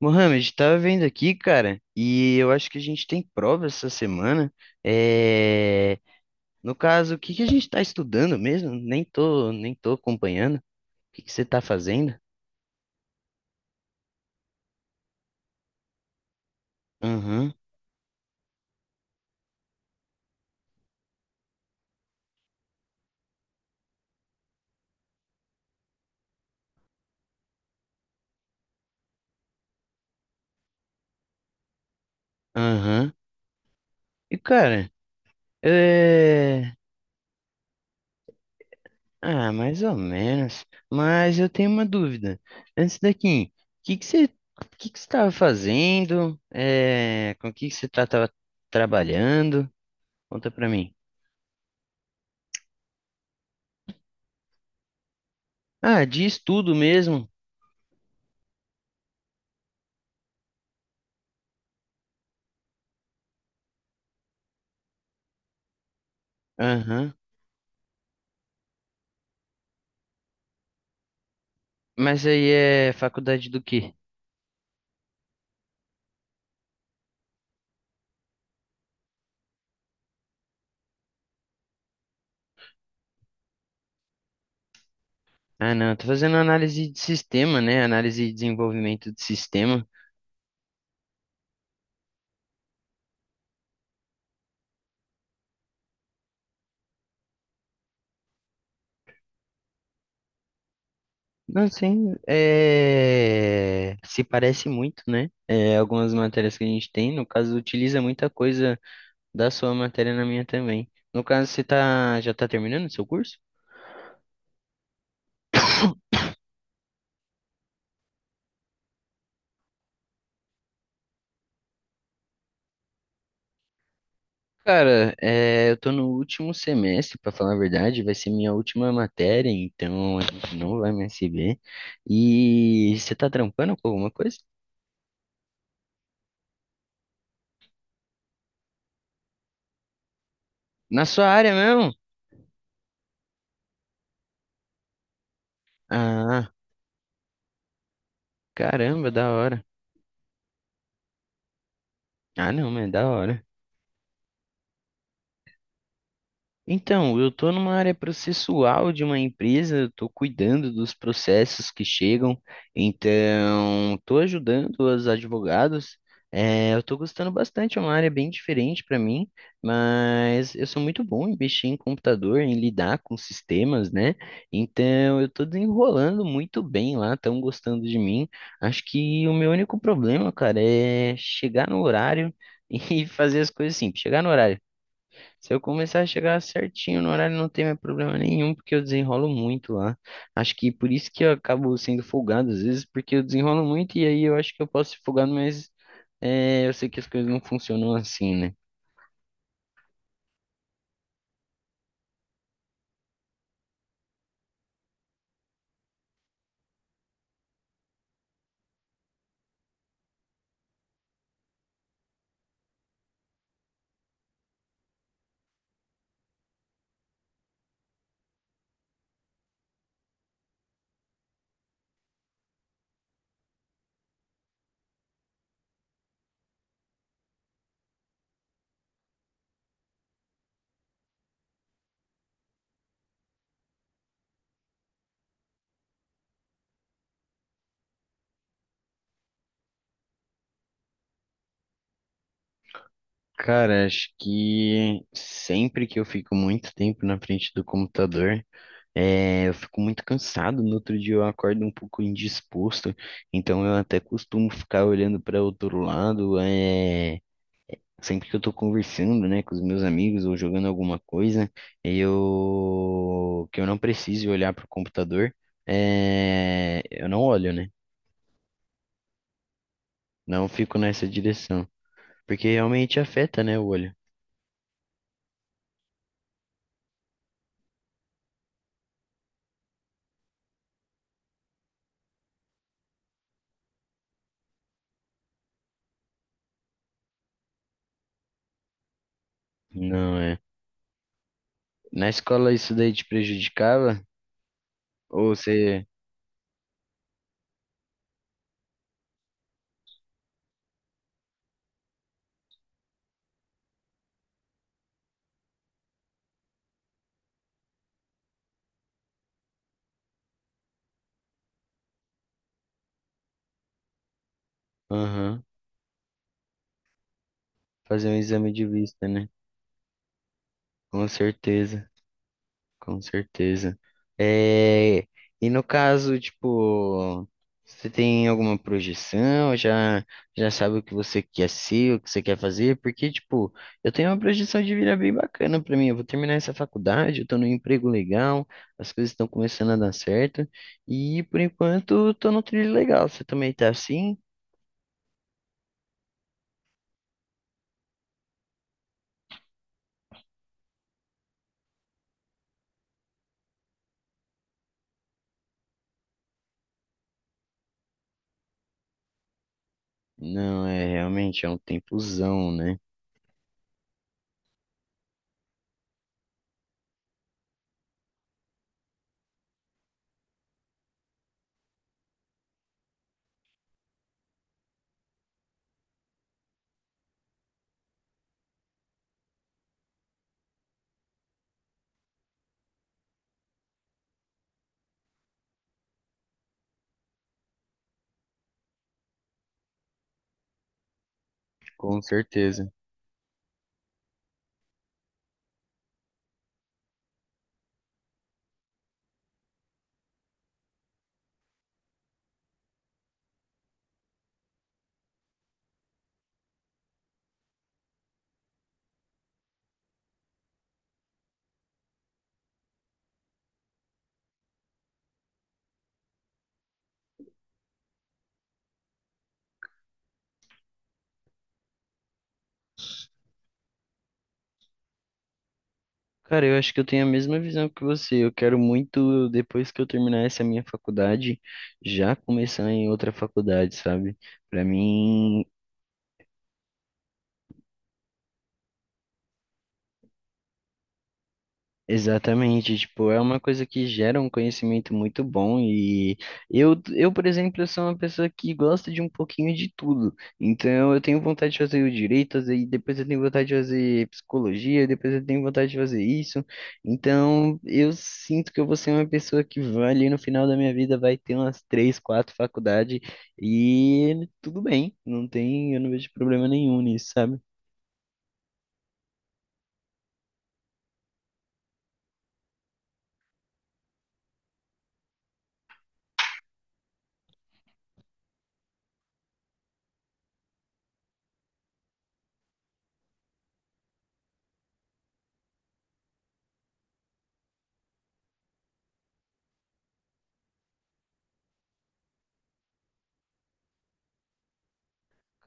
Mohamed, tava vendo aqui, cara, e eu acho que a gente tem prova essa semana. É... No caso, o que que a gente tá estudando mesmo? Nem tô acompanhando. O que que você tá fazendo? Aham, aham. E, cara, é... Ah, mais ou menos. Mas eu tenho uma dúvida. Antes daqui, o que que você tava fazendo? Com o tava trabalhando? Conta pra mim. Ah, de estudo mesmo. Aham. Mas aí é faculdade do quê? Ah, não, eu tô fazendo análise de sistema, né? Análise e desenvolvimento de sistema. Não, sim, se parece muito, né? É, algumas matérias que a gente tem, no caso, utiliza muita coisa da sua matéria na minha também. No caso, você tá... já tá terminando o seu curso? Cara, é, eu tô no último semestre, pra falar a verdade, vai ser minha última matéria, então a gente não vai mais se ver. E você tá trampando com alguma coisa? Na sua área mesmo? Ah, caramba, da hora. Ah, não, mas é da hora. Então, eu estou numa área processual de uma empresa, estou cuidando dos processos que chegam, então estou ajudando os advogados. Eu estou gostando bastante, é uma área bem diferente para mim, mas eu sou muito bom em mexer em computador, em lidar com sistemas, né? Então eu estou desenrolando muito bem lá, estão gostando de mim. Acho que o meu único problema, cara, é chegar no horário e fazer as coisas simples. Chegar no horário, se eu começar a chegar certinho no horário, não tem mais problema nenhum, porque eu desenrolo muito lá. Acho que por isso que eu acabo sendo folgado às vezes, porque eu desenrolo muito e aí eu acho que eu posso ser folgado, mas é, eu sei que as coisas não funcionam assim, né? Cara, acho que sempre que eu fico muito tempo na frente do computador, é, eu fico muito cansado. No outro dia eu acordo um pouco indisposto, então eu até costumo ficar olhando para outro lado, é, sempre que eu tô conversando, né, com os meus amigos ou jogando alguma coisa, eu que eu não precise olhar pro computador, eu não olho, né? Não fico nessa direção, porque realmente afeta, né, o olho. Não é. Na escola isso daí te prejudicava? Ou você, aham, fazer um exame de vista, né? Com certeza. Com certeza. É, e no caso, tipo, você tem alguma projeção? Já sabe o que você quer ser, o que você quer fazer? Porque, tipo, eu tenho uma projeção de vida bem bacana pra mim. Eu vou terminar essa faculdade, eu tô num emprego legal, as coisas estão começando a dar certo. E, por enquanto, eu tô num trilho legal. Você também tá assim? Não, é realmente, é um tempozão, né? Com certeza. Cara, eu acho que eu tenho a mesma visão que você. Eu quero muito, depois que eu terminar essa minha faculdade, já começar em outra faculdade, sabe? Pra mim, exatamente, tipo, é uma coisa que gera um conhecimento muito bom e eu, por exemplo, sou uma pessoa que gosta de um pouquinho de tudo. Então, eu tenho vontade de fazer o direito, aí depois eu tenho vontade de fazer psicologia, depois eu tenho vontade de fazer isso. Então, eu sinto que eu vou ser uma pessoa que vai ali no final da minha vida vai ter umas três, quatro faculdades e tudo bem, não tem, eu não vejo problema nenhum nisso, sabe?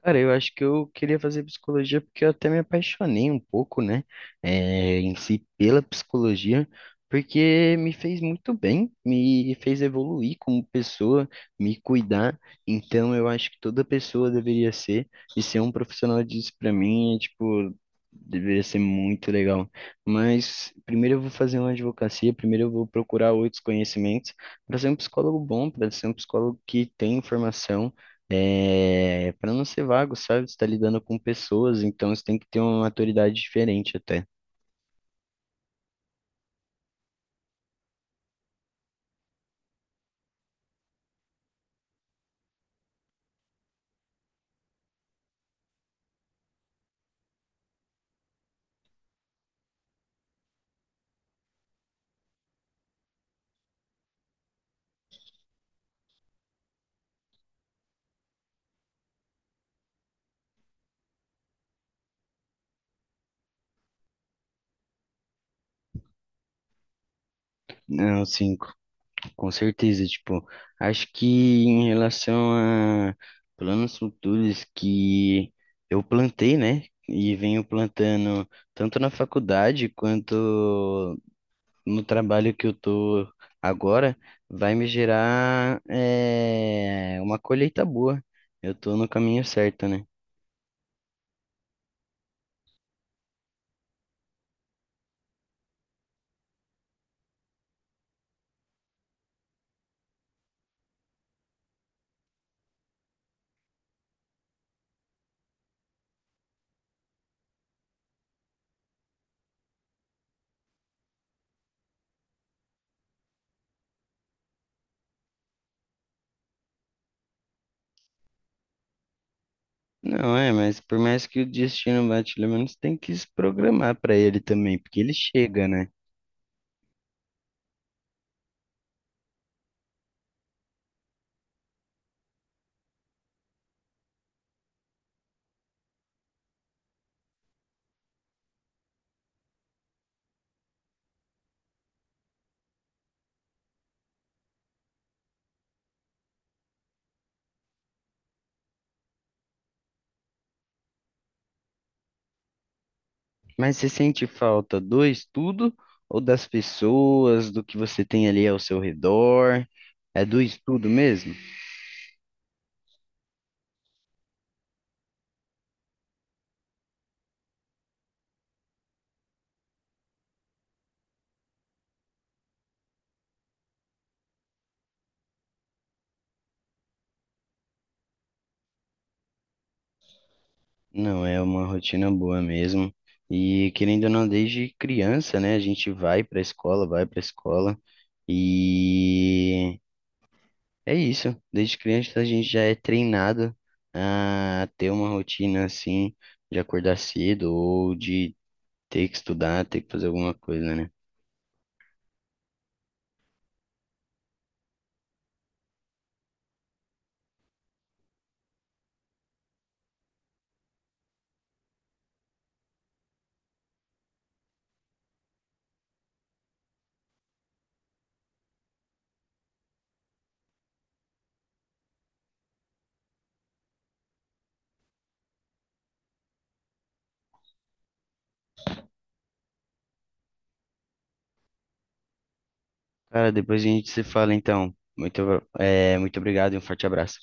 Cara, eu acho que eu queria fazer psicologia porque eu até me apaixonei um pouco, né, em si pela psicologia, porque me fez muito bem, me fez evoluir como pessoa, me cuidar. Então, eu acho que toda pessoa deveria ser, e ser um profissional disso pra mim é tipo. Deveria ser muito legal. Mas primeiro eu vou fazer uma advocacia, primeiro eu vou procurar outros conhecimentos para ser um psicólogo bom, para ser um psicólogo que tem informação, é, para não ser vago, sabe? Você tá lidando com pessoas, então você tem que ter uma maturidade diferente até. Não, sim, com certeza. Tipo, acho que em relação a planos futuros que eu plantei, né? E venho plantando tanto na faculdade quanto no trabalho que eu tô agora, vai me gerar, é, uma colheita boa. Eu tô no caminho certo, né? Não é, mas por mais que o destino bate, pelo menos tem que se programar para ele também, porque ele chega, né? Mas você sente falta do estudo ou das pessoas, do que você tem ali ao seu redor? É do estudo mesmo? Não, é uma rotina boa mesmo. E querendo ou não, desde criança, né? A gente vai para a escola, vai para a escola. E é isso, desde criança a gente já é treinado a ter uma rotina assim, de acordar cedo ou de ter que estudar, ter que fazer alguma coisa, né? Cara, depois a gente se fala então. Muito, é, muito obrigado e um forte abraço.